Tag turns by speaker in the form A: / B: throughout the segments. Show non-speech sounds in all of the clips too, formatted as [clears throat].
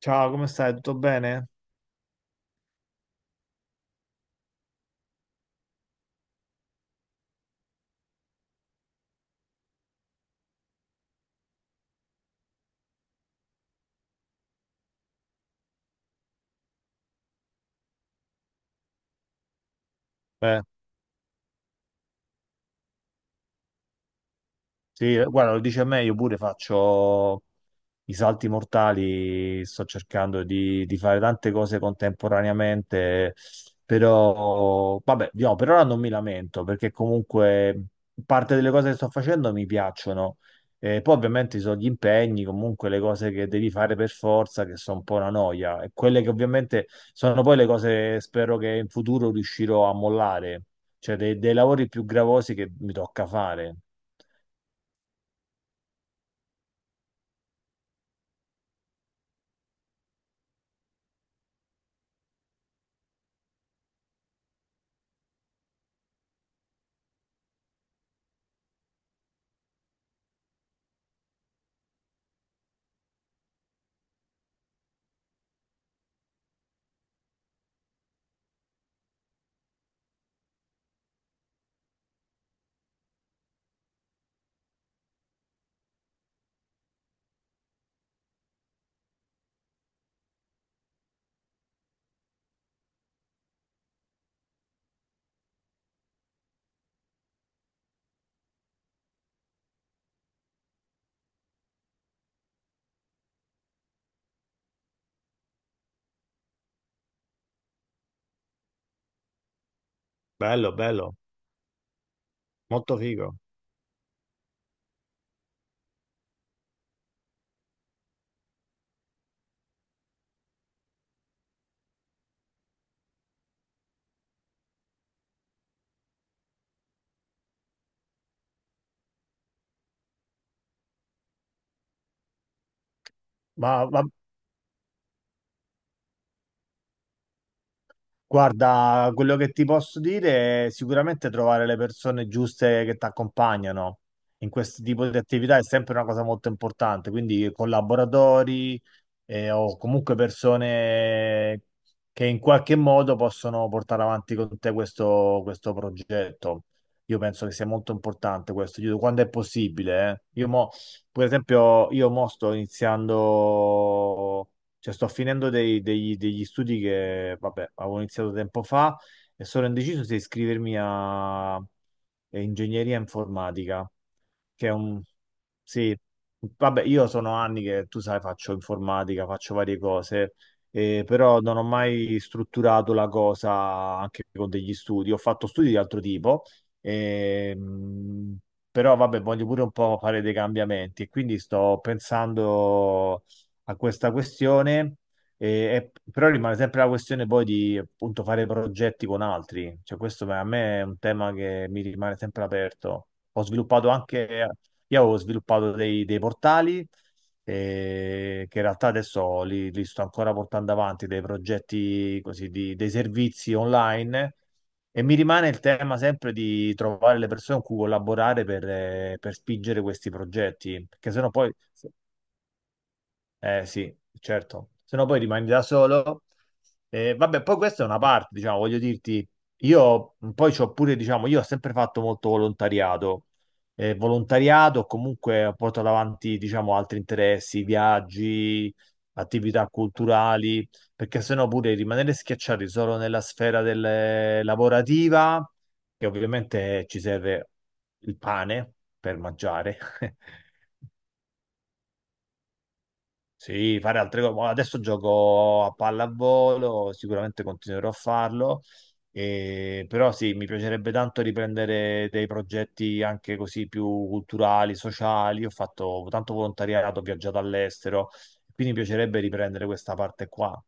A: Ciao, come stai? Tutto bene? Eh, sì, guarda, lo dice a me, io pure faccio, i salti mortali, sto cercando di fare tante cose contemporaneamente, però vabbè, diciamo, per ora non mi lamento perché comunque parte delle cose che sto facendo mi piacciono. E poi ovviamente ci sono gli impegni, comunque le cose che devi fare per forza, che sono un po' una noia, e quelle che ovviamente sono poi le cose spero che in futuro riuscirò a mollare, cioè dei lavori più gravosi che mi tocca fare. Bello, bello, molto figo. Ma, ma- Guarda, quello che ti posso dire è sicuramente trovare le persone giuste che ti accompagnano in questo tipo di attività è sempre una cosa molto importante, quindi collaboratori o comunque persone che in qualche modo possono portare avanti con te questo progetto. Io penso che sia molto importante questo, quando è possibile. Per esempio, io mo sto iniziando. Cioè, sto finendo degli studi che, vabbè, avevo iniziato tempo fa e sono indeciso se iscrivermi a ingegneria informatica, che è un... Sì, vabbè, io sono anni che, tu sai, faccio informatica, faccio varie cose, però non ho mai strutturato la cosa anche con degli studi. Ho fatto studi di altro tipo, ehm, però, vabbè, voglio pure un po' fare dei cambiamenti e quindi sto pensando a questa questione, e- però rimane sempre la questione poi di appunto fare progetti con altri, cioè a me è un tema che mi rimane sempre aperto. Ho sviluppato anche, io avevo sviluppato dei portali che in realtà adesso li sto ancora portando avanti, dei progetti così, dei servizi online. E mi rimane il tema sempre di trovare le persone con cui collaborare per spingere questi progetti, perché sennò poi eh sì, certo, se no poi rimani da solo. Vabbè, poi questa è una parte, diciamo, voglio dirti, io poi c'ho pure, diciamo, io ho sempre fatto molto volontariato. Volontariato, comunque porto avanti, diciamo, altri interessi, viaggi, attività culturali, perché sennò pure rimanere schiacciati solo nella sfera del, lavorativa, che ovviamente ci serve il pane per mangiare. [laughs] Sì, fare altre cose. Boh, adesso gioco a pallavolo, sicuramente continuerò a farlo, però sì, mi piacerebbe tanto riprendere dei progetti anche così più culturali, sociali. Ho fatto tanto volontariato, ho viaggiato all'estero, quindi mi piacerebbe riprendere questa parte qua.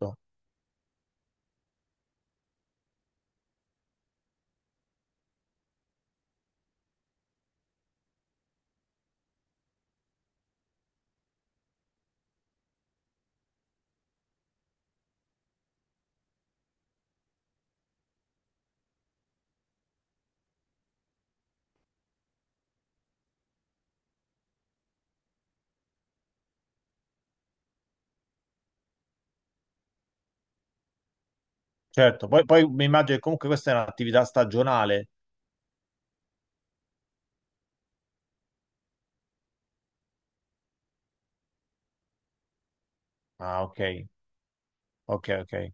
A: No? Certo, poi mi immagino che comunque questa è un'attività stagionale. Ah, ok, ok, ok.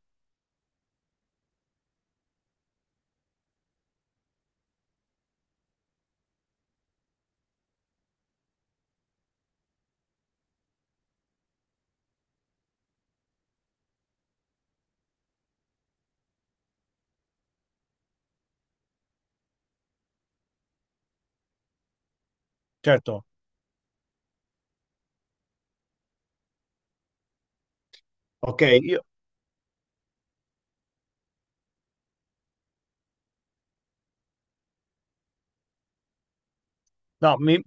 A: Certo, ok, io... No,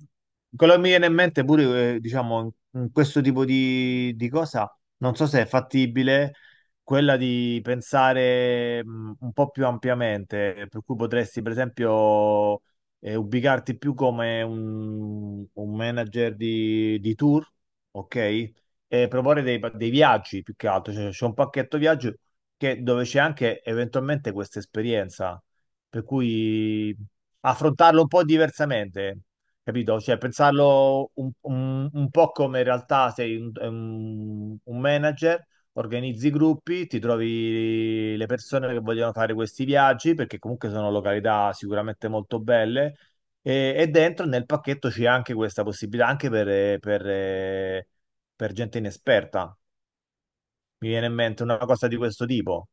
A: quello che mi viene in mente pure, diciamo, in questo tipo di cosa, non so se è fattibile quella di pensare un po' più ampiamente, per cui potresti, per esempio, ubicarti più come un manager di tour, ok? E proporre dei viaggi più che altro, cioè c'è un pacchetto viaggio dove c'è anche eventualmente questa esperienza, per cui affrontarlo un po' diversamente. Capito? Cioè, pensarlo un po' come in realtà sei un manager, organizzi i gruppi, ti trovi le persone che vogliono fare questi viaggi, perché comunque sono località sicuramente molto belle, e dentro nel pacchetto c'è anche questa possibilità, anche per gente inesperta. Mi viene in mente una cosa di questo tipo.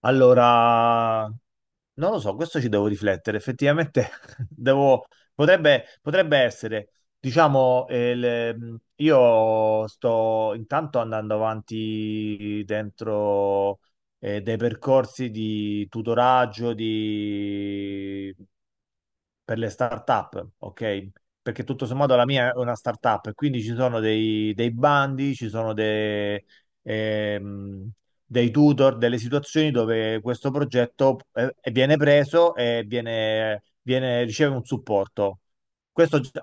A: Allora, non lo so, questo ci devo riflettere. Effettivamente [laughs] devo, potrebbe essere, diciamo, io sto intanto andando avanti dentro dei percorsi di tutoraggio, di per le start-up, ok? Perché tutto sommato la mia è una start-up, quindi ci sono dei bandi, ci sono dei, ehm, dei tutor, delle situazioni dove questo progetto viene preso e riceve un supporto. Questo già-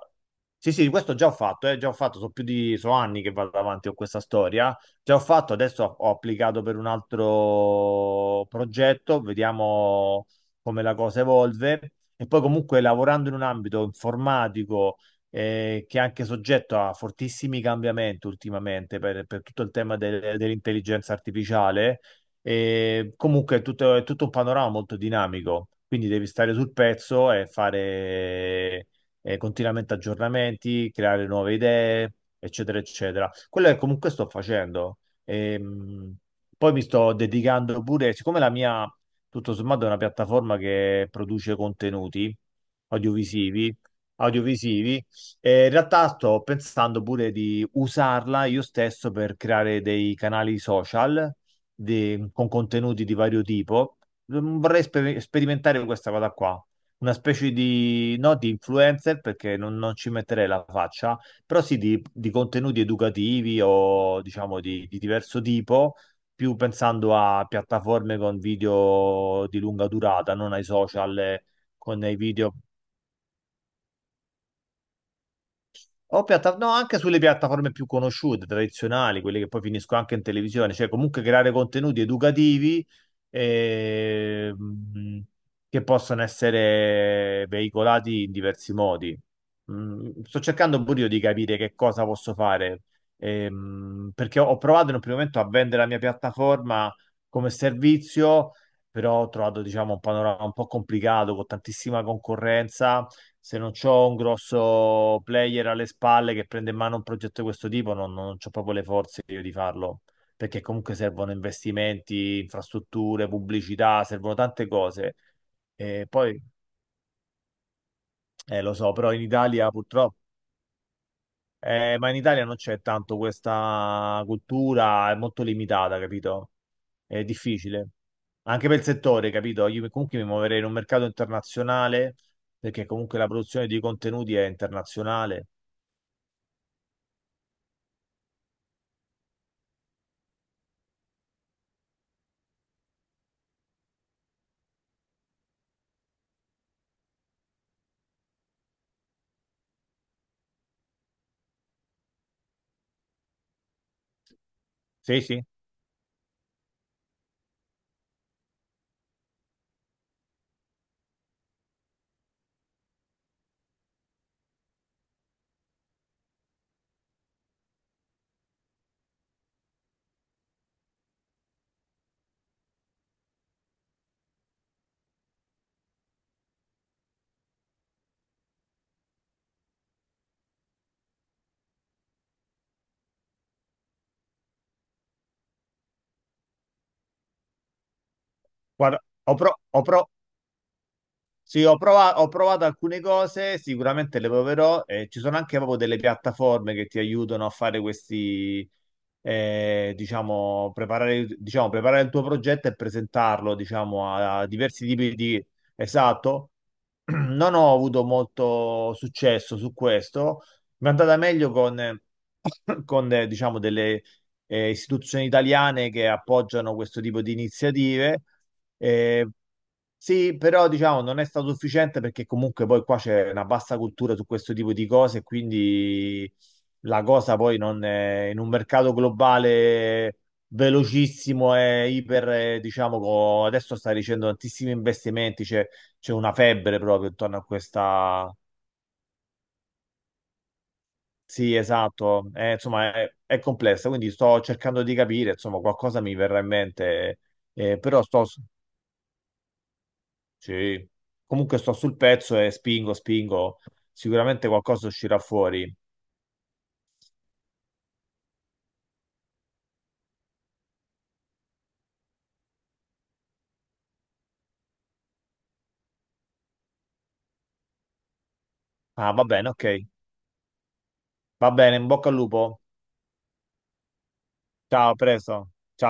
A: sì, sì, questo già ho fatto, sono più di, sono anni che vado avanti con questa storia. Già ho fatto, adesso ho applicato per un altro progetto, vediamo come la cosa evolve. E poi comunque lavorando in un ambito informatico che è anche soggetto a fortissimi cambiamenti ultimamente per tutto il tema dell'intelligenza artificiale, comunque è tutto un panorama molto dinamico, quindi devi stare sul pezzo e fare continuamente aggiornamenti, creare nuove idee, eccetera, eccetera. Quello che comunque sto facendo. Ehm, poi mi sto dedicando pure, siccome la mia tutto sommato è una piattaforma che produce contenuti audiovisivi, audiovisivi. E in realtà sto pensando pure di usarla io stesso per creare dei canali social con contenuti di vario tipo. Mm, vorrei sperimentare questa cosa qua. Una specie di, no, di influencer perché non ci metterei la faccia, però sì di contenuti educativi o diciamo di diverso tipo più pensando a piattaforme con video di lunga durata, non ai social con i video. No, anche sulle piattaforme più conosciute, tradizionali, quelle che poi finiscono anche in televisione, cioè comunque creare contenuti educativi ehm, che possono essere veicolati in diversi modi. Mm, sto cercando pure io di capire che cosa posso fare, perché ho provato in un primo momento a vendere la mia piattaforma come servizio, però ho trovato, diciamo, un panorama un po' complicato, con tantissima concorrenza se non c'ho un grosso player alle spalle che prende in mano un progetto di questo tipo, non c'ho proprio le forze io di farlo, perché comunque servono investimenti, infrastrutture, pubblicità, servono tante cose. E poi, lo so, però in Italia purtroppo, ma in Italia non c'è tanto questa cultura, è molto limitata, capito? È difficile. Anche per il settore, capito? Io comunque mi muoverei in un mercato internazionale, perché comunque la produzione di contenuti è internazionale. Sì, sì. Guarda, ho pro- sì, ho prova- ho provato alcune cose, sicuramente le proverò. Eh, ci sono anche proprio delle piattaforme che ti aiutano a fare questi, diciamo, preparare il tuo progetto e presentarlo, diciamo, a diversi tipi di... Esatto. [clears throat] Non ho avuto molto successo su questo. Mi è andata meglio con, [clears throat] [laughs] con diciamo, delle istituzioni italiane che appoggiano questo tipo di iniziative. Eh, sì, però diciamo non è stato sufficiente perché comunque poi qua c'è una bassa cultura su questo tipo di cose, quindi la cosa poi non è, in un mercato globale velocissimo e iper, diciamo, adesso sta ricevendo tantissimi investimenti, c'è una febbre proprio intorno a questa... Sì, esatto, eh, insomma è complessa, quindi sto cercando di capire, insomma qualcosa mi verrà in mente, però sto... Sì, comunque sto sul pezzo e spingo, spingo, sicuramente qualcosa uscirà fuori. Ah, va bene, ok, va bene, in bocca al lupo, ciao, a presto. Ciao.